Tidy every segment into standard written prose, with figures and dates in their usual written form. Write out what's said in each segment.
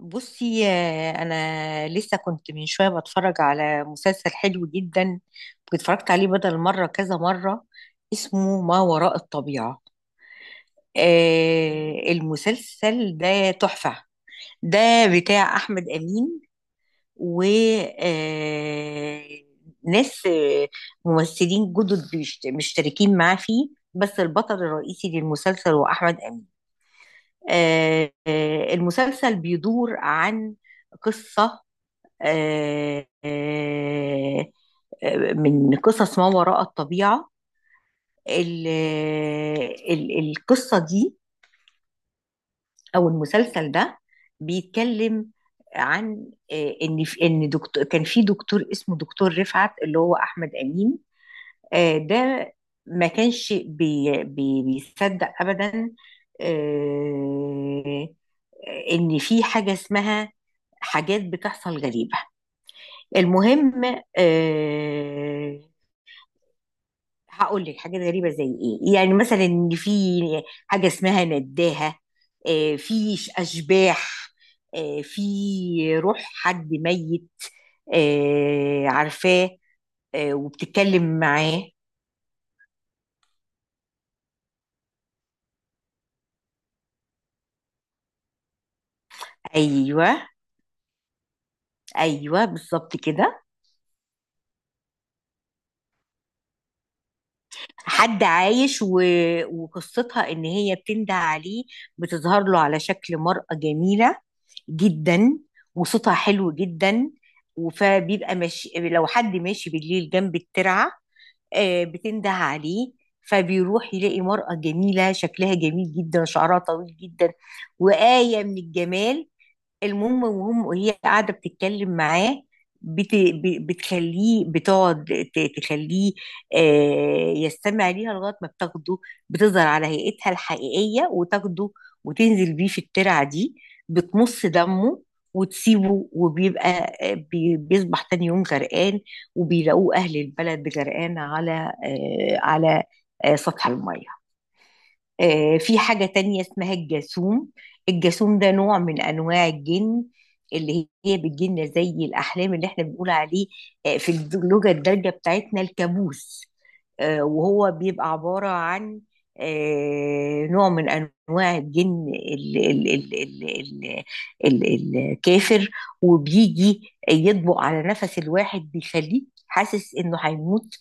بصي، انا لسه كنت من شويه بتفرج على مسلسل حلو جدا. واتفرجت عليه بدل مره كذا مره. اسمه ما وراء الطبيعه. آه، المسلسل ده تحفه. ده بتاع احمد امين، و آه، ناس، ممثلين جدد مشتركين معاه فيه. بس البطل الرئيسي للمسلسل هو احمد امين. المسلسل بيدور عن قصة آه، آه، من قصص ما وراء الطبيعة. ال- القصة دي أو المسلسل ده بيتكلم عن، إن في- إن دكتور كان في دكتور اسمه دكتور رفعت اللي هو أحمد أمين. ده ما كانش بي بي بيصدق أبدا، آه، إن في حاجة اسمها حاجات بتحصل غريبة. المهم، أه، هقول لك حاجات غريبة زي ايه. يعني مثلا ان في حاجة اسمها نداهة. أه، في اشباح. أه، في روح حد ميت. أه، عارفاه. أه، وبتتكلم معاه. ايوه، ايوه بالظبط كده. حد عايش، وقصتها ان هي بتندى عليه. بتظهر له على شكل مرأة جميلة جدا وصوتها حلو جدا. فبيبقى ماشي، لو حد ماشي بالليل جنب الترعة، بتنده عليه. فبيروح يلاقي مرأة جميلة، شكلها جميل جدا، شعرها طويل جدا وآية من الجمال. المهم، وهي قاعده بتتكلم معاه، بتخليه، بتقعد تخليه، يستمع ليها لغايه ما بتاخده. بتظهر على هيئتها الحقيقيه وتاخده وتنزل بيه في الترعه دي، بتمص دمه وتسيبه. وبيبقى، بيصبح تاني يوم غرقان، وبيلاقوه اهل البلد غرقان على، سطح الميه. في حاجة تانية اسمها الجاسوم. الجاسوم ده نوع من أنواع الجن، اللي هي بتجيلنا زي الأحلام، اللي احنا بنقول عليه في اللغة الدارجة بتاعتنا الكابوس. وهو بيبقى عبارة عن، نوع من أنواع الجن ال- الكافر. وبيجي يطبق على نفس الواحد، بيخليه حاسس إنه هيموت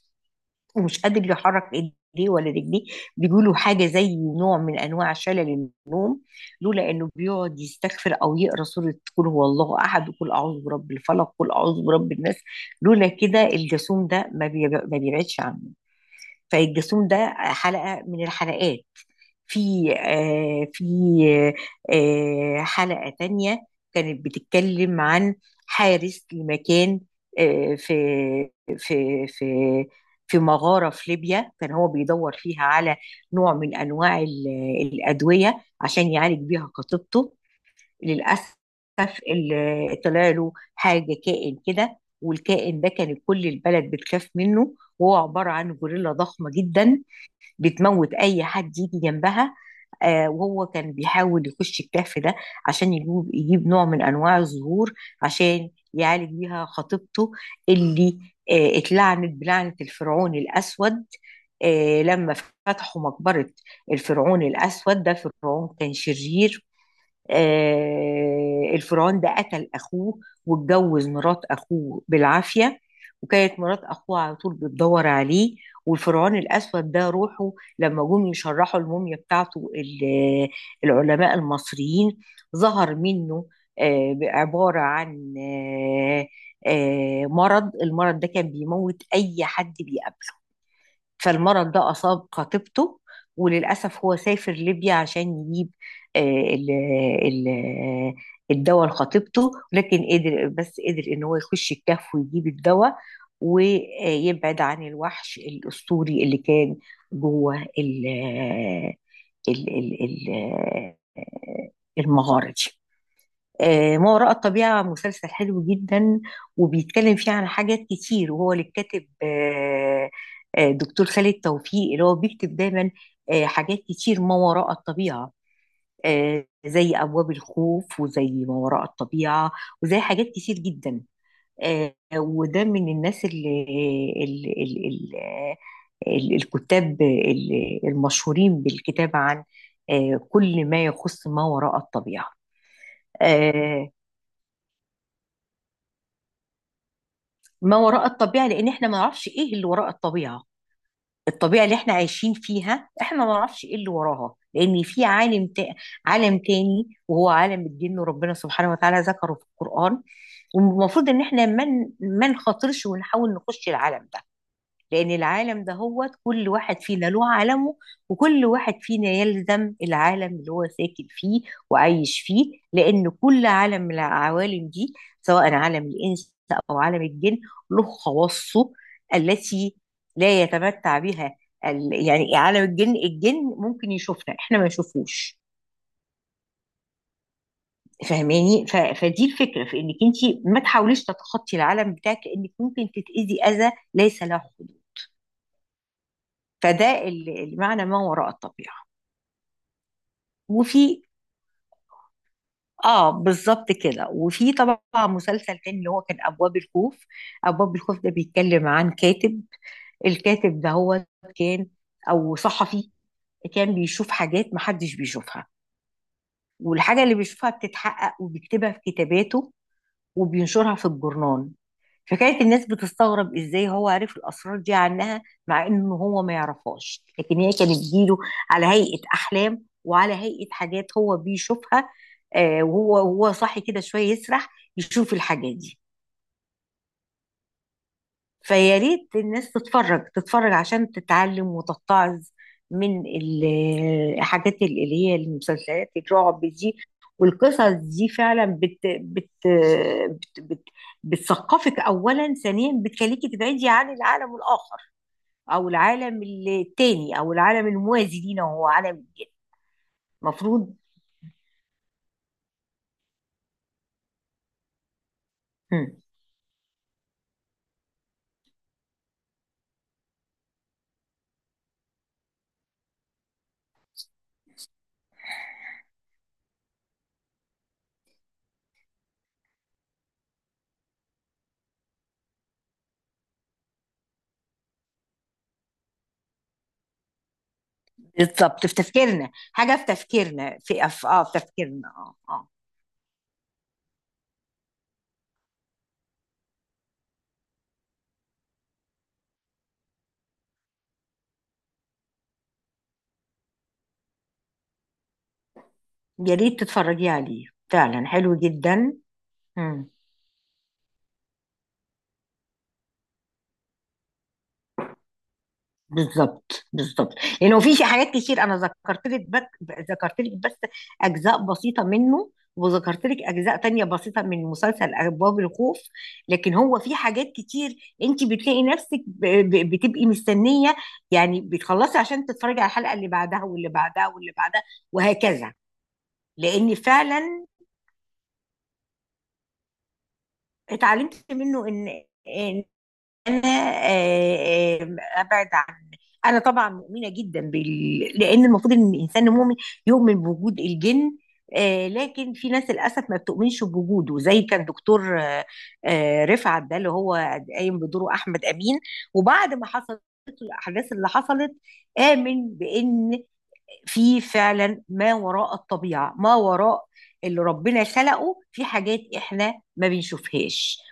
ومش قادر يحرك ايديه ولا رجليه. بيقولوا حاجه زي نوع من انواع شلل النوم، لولا انه بيقعد يستغفر او يقرا سوره قل هو الله احد وقل اعوذ برب الفلق وقل اعوذ برب الناس. لولا كده الجاسوم ده ما بيبعدش عنه. فالجاسوم ده حلقه من الحلقات. في، حلقة تانية كانت بتتكلم عن حارس لمكان، آه، في في في في مغارة في ليبيا، كان هو بيدور فيها على نوع من أنواع الأدوية عشان يعالج بيها خطيبته. للأسف طلع له حاجة، كائن كده، والكائن ده كان كل البلد بتخاف منه وهو عبارة عن غوريلا ضخمة جدا، بتموت اي حد يجي جنبها. وهو كان بيحاول يخش الكهف ده عشان يجيب نوع من انواع الزهور عشان يعالج بيها خطيبته، اللي اتلعنت بلعنة الفرعون الاسود لما فتحوا مقبرة. الفرعون الاسود ده فرعون كان شرير. الفرعون ده قتل اخوه واتجوز مرات اخوه بالعافيه. وكانت مرات اخوه على طول بتدور عليه. والفرعون الاسود ده روحه لما جم يشرحوا الموميا بتاعته، العلماء المصريين، ظهر منه، آه، عباره عن آه، آه، مرض. المرض ده كان بيموت اي حد بيقابله. فالمرض ده أصاب خطيبته، وللأسف هو سافر ليبيا عشان يجيب، آه، ال ال الدواء لخطيبته. لكن قدر، بس قدر إن هو يخش الكهف ويجيب الدواء ويبعد عن الوحش الأسطوري اللي كان جوه ال ال ال- المغارة دي. ما وراء الطبيعة مسلسل حلو جدا، وبيتكلم فيه عن حاجات كتير. وهو اللي كاتب، دكتور خالد توفيق، اللي هو بيكتب دايما حاجات كتير ما وراء الطبيعة، زي أبواب الخوف وزي ما وراء الطبيعة وزي حاجات كتير جدا. وده من الناس اللي اللي اللي المشهورين بالكتابة عن كل ما يخص ما وراء الطبيعة. آه، ما وراء الطبيعة، لأن احنا ما نعرفش ايه اللي وراء الطبيعة. الطبيعة اللي احنا عايشين فيها، احنا ما نعرفش ايه اللي وراها، لأن في عالم تاني وهو عالم الجن، وربنا سبحانه وتعالى ذكره في القرآن. والمفروض ان احنا ما نخاطرش ونحاول نخش العالم ده، لأن العالم ده، هو كل واحد فينا له عالمه. وكل واحد فينا يلزم العالم اللي هو ساكن فيه وعايش فيه، لأن كل عالم من العوالم دي، سواء عالم الإنس أو عالم الجن، له خواصه التي لا يتمتع بها. يعني عالم الجن، الجن ممكن يشوفنا، احنا ما نشوفوش. فاهماني؟ فدي الفكره، في انك انت ما تحاوليش تتخطي العالم بتاعك، لانك ممكن تتاذي اذى ليس له حدود. فده المعنى، ما وراء الطبيعه. وفي، اه بالظبط كده. وفي طبعا مسلسل تاني، اللي هو كان ابواب الخوف. ابواب الخوف ده بيتكلم عن كاتب. الكاتب ده هو كان، او صحفي، كان بيشوف حاجات محدش بيشوفها، والحاجة اللي بيشوفها بتتحقق، وبيكتبها في كتاباته وبينشرها في الجورنال. فكانت الناس بتستغرب، ازاي هو عرف الاسرار دي عنها، مع انه هو ما يعرفهاش، لكن هي كانت بتجيله على هيئة احلام وعلى هيئة حاجات هو بيشوفها. وهو صاحي كده، شوية يسرح، يشوف الحاجات دي. فيا ريت الناس تتفرج، تتفرج عشان تتعلم وتتعظ من الحاجات، اللي هي المسلسلات الرعب دي. والقصص دي فعلا بت بت بت بت بتثقفك اولا. ثانيا بتخليكي تبعدي عن العالم الاخر، او العالم التاني، او العالم الموازي لينا وهو عالم الجن. المفروض. مم. بالظبط، في تفكيرنا، حاجه في تفكيرنا، في اه، في تفكيرنا، اه اه. يا ريت تتفرجي عليه، فعلا حلو جدا. مم. بالظبط بالظبط، لانه في حاجات كتير. انا ذكرت لك ذكرت لك بس اجزاء بسيطه منه، وذكرت لك اجزاء تانية بسيطه من مسلسل ابواب الخوف. لكن هو في حاجات كتير انت بتلاقي نفسك بتبقي مستنيه، يعني بتخلصي عشان تتفرجي على الحلقه اللي بعدها واللي بعدها واللي بعدها، وهكذا. لان فعلا اتعلمت منه ان انا، ابعد عن، انا طبعا مؤمنه جدا لان المفروض ان الانسان المؤمن يؤمن بوجود الجن. لكن في ناس للاسف ما بتؤمنش بوجوده، زي كان دكتور، رفعت ده، اللي هو قايم بدوره احمد امين. وبعد ما حصلت الاحداث اللي حصلت، امن بان في فعلا ما وراء الطبيعه، ما وراء اللي ربنا خلقه، في حاجات احنا ما بنشوفهاش.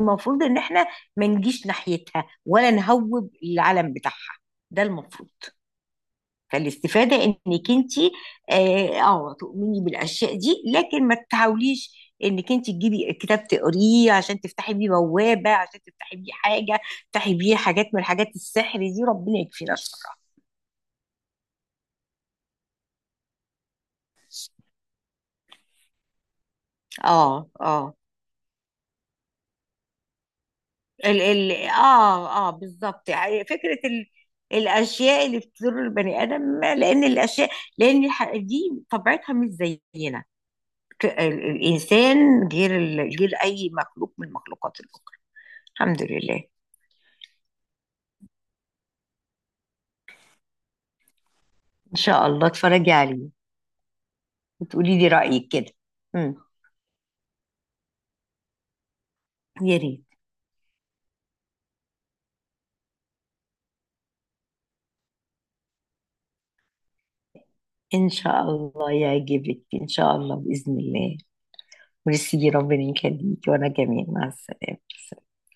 المفروض ان احنا ما نجيش ناحيتها ولا نهوب العلم بتاعها. ده المفروض. فالاستفادة انك انت، اه تؤمني بالاشياء دي، لكن ما تحاوليش انك انت تجيبي كتاب تقريه عشان تفتحي بيه بوابة، عشان تفتحي بيه حاجة، تفتحي بيه حاجات من حاجات السحر دي. ربنا يكفينا الشر. اه اه، ال ال اه اه بالظبط. يعني فكرة الاشياء اللي بتضر البني ادم، لان الاشياء، لان دي طبيعتها مش زينا. الانسان غير غير اي مخلوق من المخلوقات الاخرى. الحمد لله، ان شاء الله اتفرجي عليه وتقولي لي رايك كده. امم، يا ريت. ان شاء الله يعجبك، ان شاء الله باذن الله. ويسيدي، ربنا يخليكي، وانا كمان مع السلامه.